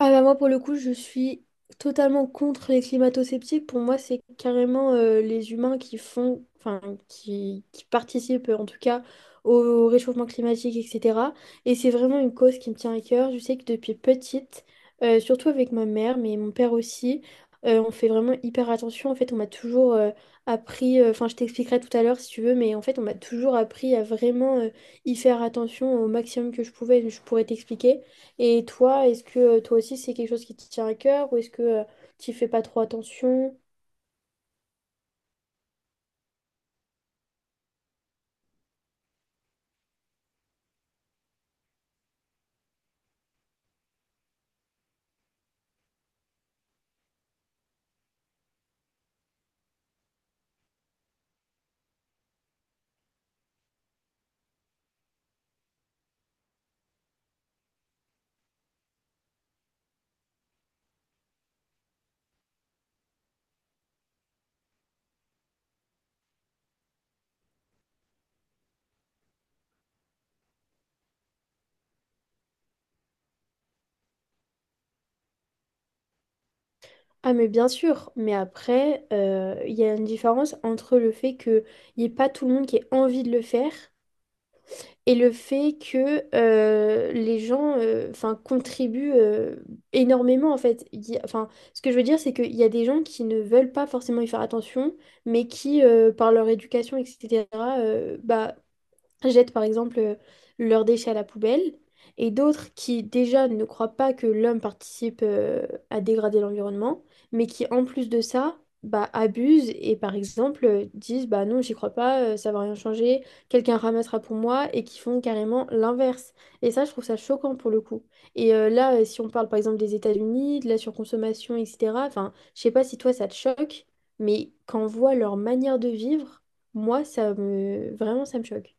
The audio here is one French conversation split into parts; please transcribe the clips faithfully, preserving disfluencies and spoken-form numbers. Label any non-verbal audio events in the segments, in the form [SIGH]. Ah bah moi pour le coup je suis totalement contre les climato-sceptiques. Pour moi c'est carrément euh, les humains qui font, enfin qui, qui participent en tout cas au réchauffement climatique, et cetera. Et c'est vraiment une cause qui me tient à cœur. Je sais que depuis petite, euh, surtout avec ma mère, mais mon père aussi, euh, on fait vraiment hyper attention. En fait on m'a toujours euh, appris, euh, enfin je t'expliquerai tout à l'heure si tu veux, mais en fait on m'a toujours appris à vraiment euh, y faire attention au maximum que je pouvais. Je pourrais t'expliquer. Et toi, est-ce que euh, toi aussi c'est quelque chose qui te tient à cœur ou est-ce que tu fais pas trop attention? Ah mais bien sûr, mais après, euh, il y a une différence entre le fait qu'il n'y ait pas tout le monde qui ait envie de le faire et le fait que euh, les gens euh, enfin, contribuent euh, énormément en fait. Il y a- Enfin, ce que je veux dire, c'est qu'il y a des gens qui ne veulent pas forcément y faire attention, mais qui, euh, par leur éducation, et cetera, euh, bah, jettent par exemple euh, leurs déchets à la poubelle, et d'autres qui déjà ne croient pas que l'homme participe euh, à dégrader l'environnement, mais qui en plus de ça, bah, abusent et par exemple euh, disent bah non, j'y crois pas, euh, ça va rien changer, quelqu'un ramassera pour moi, et qui font carrément l'inverse. Et ça, je trouve ça choquant pour le coup. Et euh, là, euh, si on parle par exemple des États-Unis, de la surconsommation, et cetera, enfin, je sais pas si toi ça te choque, mais quand on voit leur manière de vivre, moi, ça me... Vraiment, ça me choque.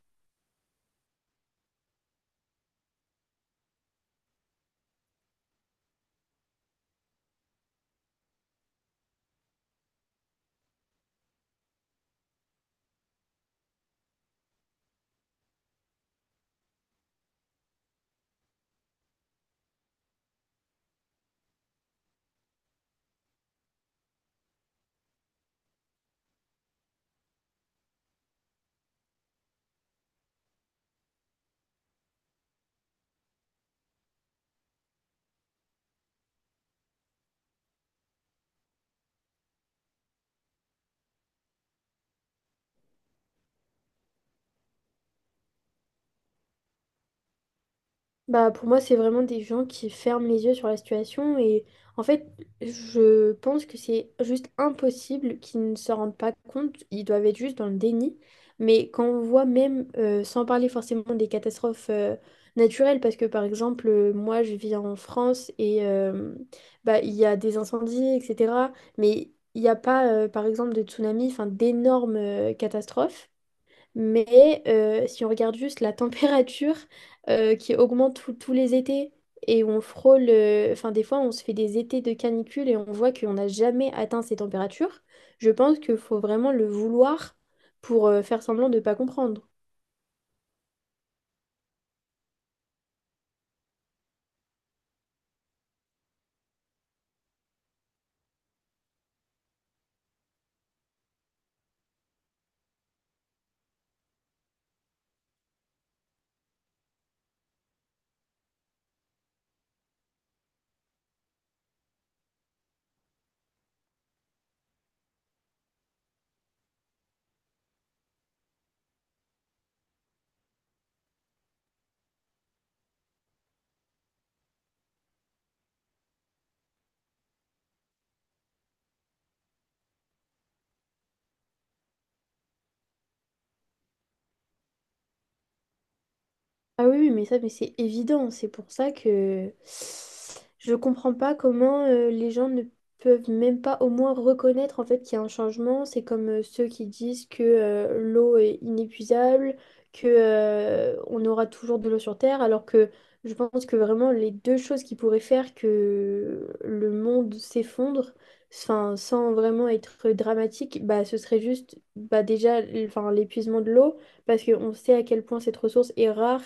Bah, pour moi, c'est vraiment des gens qui ferment les yeux sur la situation et en fait, je pense que c'est juste impossible qu'ils ne se rendent pas compte. Ils doivent être juste dans le déni. Mais quand on voit même, euh, sans parler forcément des catastrophes euh, naturelles, parce que par exemple, euh, moi, je vis en France et euh, bah, il y a des incendies, et cetera. Mais il n'y a pas, euh, par exemple, de tsunami, enfin, d'énormes euh, catastrophes. Mais euh, si on regarde juste la température [LAUGHS] euh, qui augmente tout- tous les étés et on frôle, euh, enfin des fois on se fait des étés de canicule et on voit qu'on n'a jamais atteint ces températures, je pense qu'il faut vraiment le vouloir pour euh, faire semblant de ne pas comprendre. Ah oui, oui, mais ça, mais c'est évident. C'est pour ça que je comprends pas comment euh, les gens ne peuvent même pas au moins reconnaître en fait qu'il y a un changement. C'est comme euh, ceux qui disent que euh, l'eau est inépuisable, que euh, on aura toujours de l'eau sur Terre, alors que je pense que vraiment les deux choses qui pourraient faire que le monde s'effondre, enfin, sans vraiment être dramatique, bah, ce serait juste bah, déjà l- enfin, l'épuisement de l'eau parce qu'on sait à quel point cette ressource est rare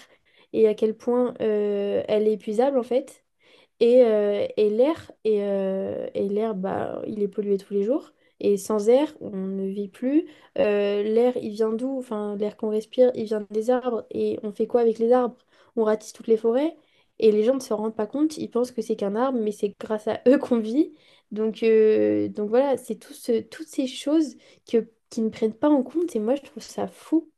et à quel point euh, elle est épuisable en fait. Et, euh, et l'air, et, euh, et l'air, bah, il est pollué tous les jours. Et sans air, on ne vit plus. Euh, l'air, il vient d'où? Enfin, l'air qu'on respire, il vient des arbres. Et on fait quoi avec les arbres? On ratisse toutes les forêts. Et les gens ne se rendent pas compte. Ils pensent que c'est qu'un arbre, mais c'est grâce à [LAUGHS] eux qu'on vit. Donc, euh, donc voilà, c'est tout ce- toutes ces choses que, qui ne prennent pas en compte. Et moi, je trouve ça fou.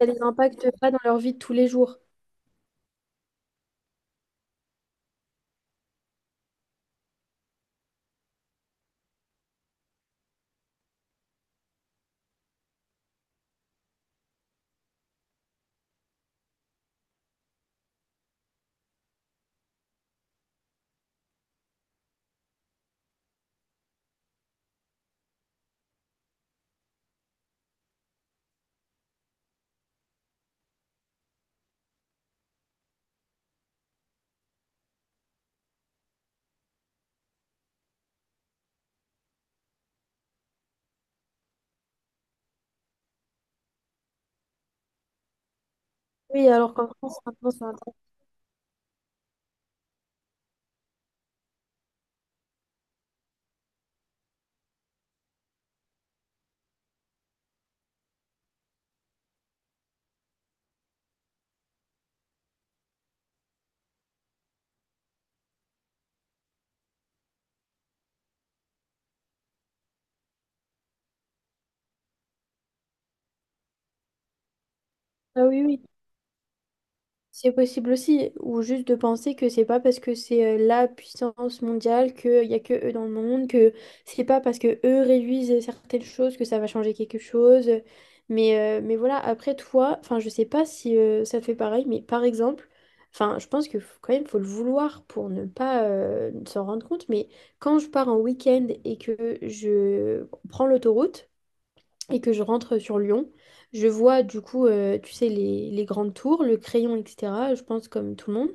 Ça les impacte pas dans leur vie de tous les jours. Oui, alors qu'en France, maintenant, c'est un Ah oui, oui, c'est possible aussi. Ou juste de penser que c'est pas parce que c'est euh, la puissance mondiale qu'il y a que eux dans le monde, que c'est pas parce que eux réduisent certaines choses que ça va changer quelque chose. Mais, euh, mais voilà, après, toi, enfin, je sais pas si euh, ça te fait pareil, mais par exemple, enfin, je pense que f- quand même, faut le vouloir pour ne pas euh, s'en rendre compte. Mais quand je pars en week-end et que je prends l'autoroute, et que je rentre sur Lyon, je vois du coup, euh, tu sais, les, les grandes tours, le crayon, et cetera, je pense comme tout le monde.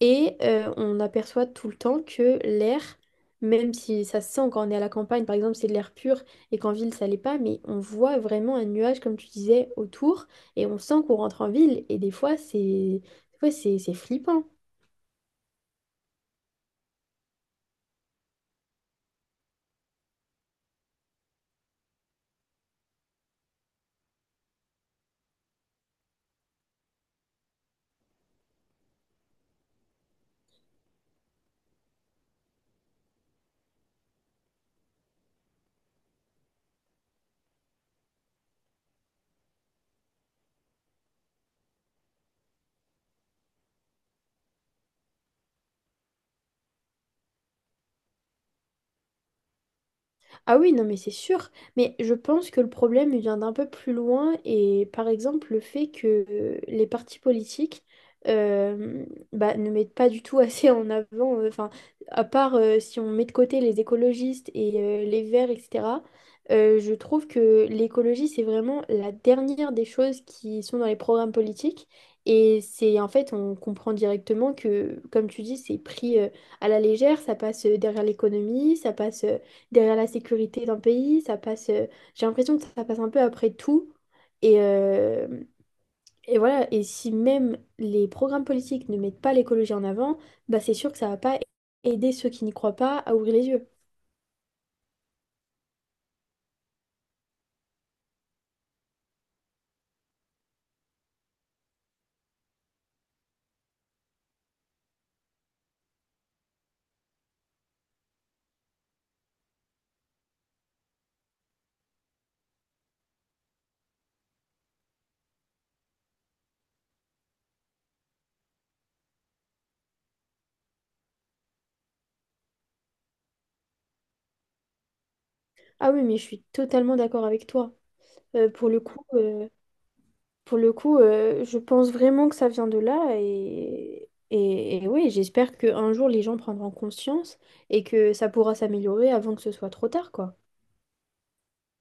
Et euh, on aperçoit tout le temps que l'air, même si ça se sent quand on est à la campagne, par exemple, c'est de l'air pur et qu'en ville, ça l'est pas, mais on voit vraiment un nuage, comme tu disais, autour et on sent qu'on rentre en ville et des fois, c'est des fois, c'est c'est flippant. Ah oui, non, mais c'est sûr. Mais je pense que le problème il vient d'un peu plus loin et par exemple le fait que euh, les partis politiques euh, bah, ne mettent pas du tout assez en avant, euh, enfin, à part euh, si on met de côté les écologistes et euh, les verts, et cetera, euh, je trouve que l'écologie, c'est vraiment la dernière des choses qui sont dans les programmes politiques. Et c'est en fait, on comprend directement que, comme tu dis, c'est pris euh, à la légère, ça passe euh, derrière l'économie, ça passe. Euh, derrière la sécurité d'un pays, ça passe, euh, j'ai l'impression que ça passe un peu après tout. Et, euh, et voilà, et si même les programmes politiques ne mettent pas l'écologie en avant, bah c'est sûr que ça va pas aider ceux qui n'y croient pas à ouvrir les yeux. Ah oui, mais je suis totalement d'accord avec toi. Euh, pour le coup, euh, pour le coup euh, je pense vraiment que ça vient de là et, et, et oui, j'espère qu'un jour les gens prendront conscience et que ça pourra s'améliorer avant que ce soit trop tard, quoi.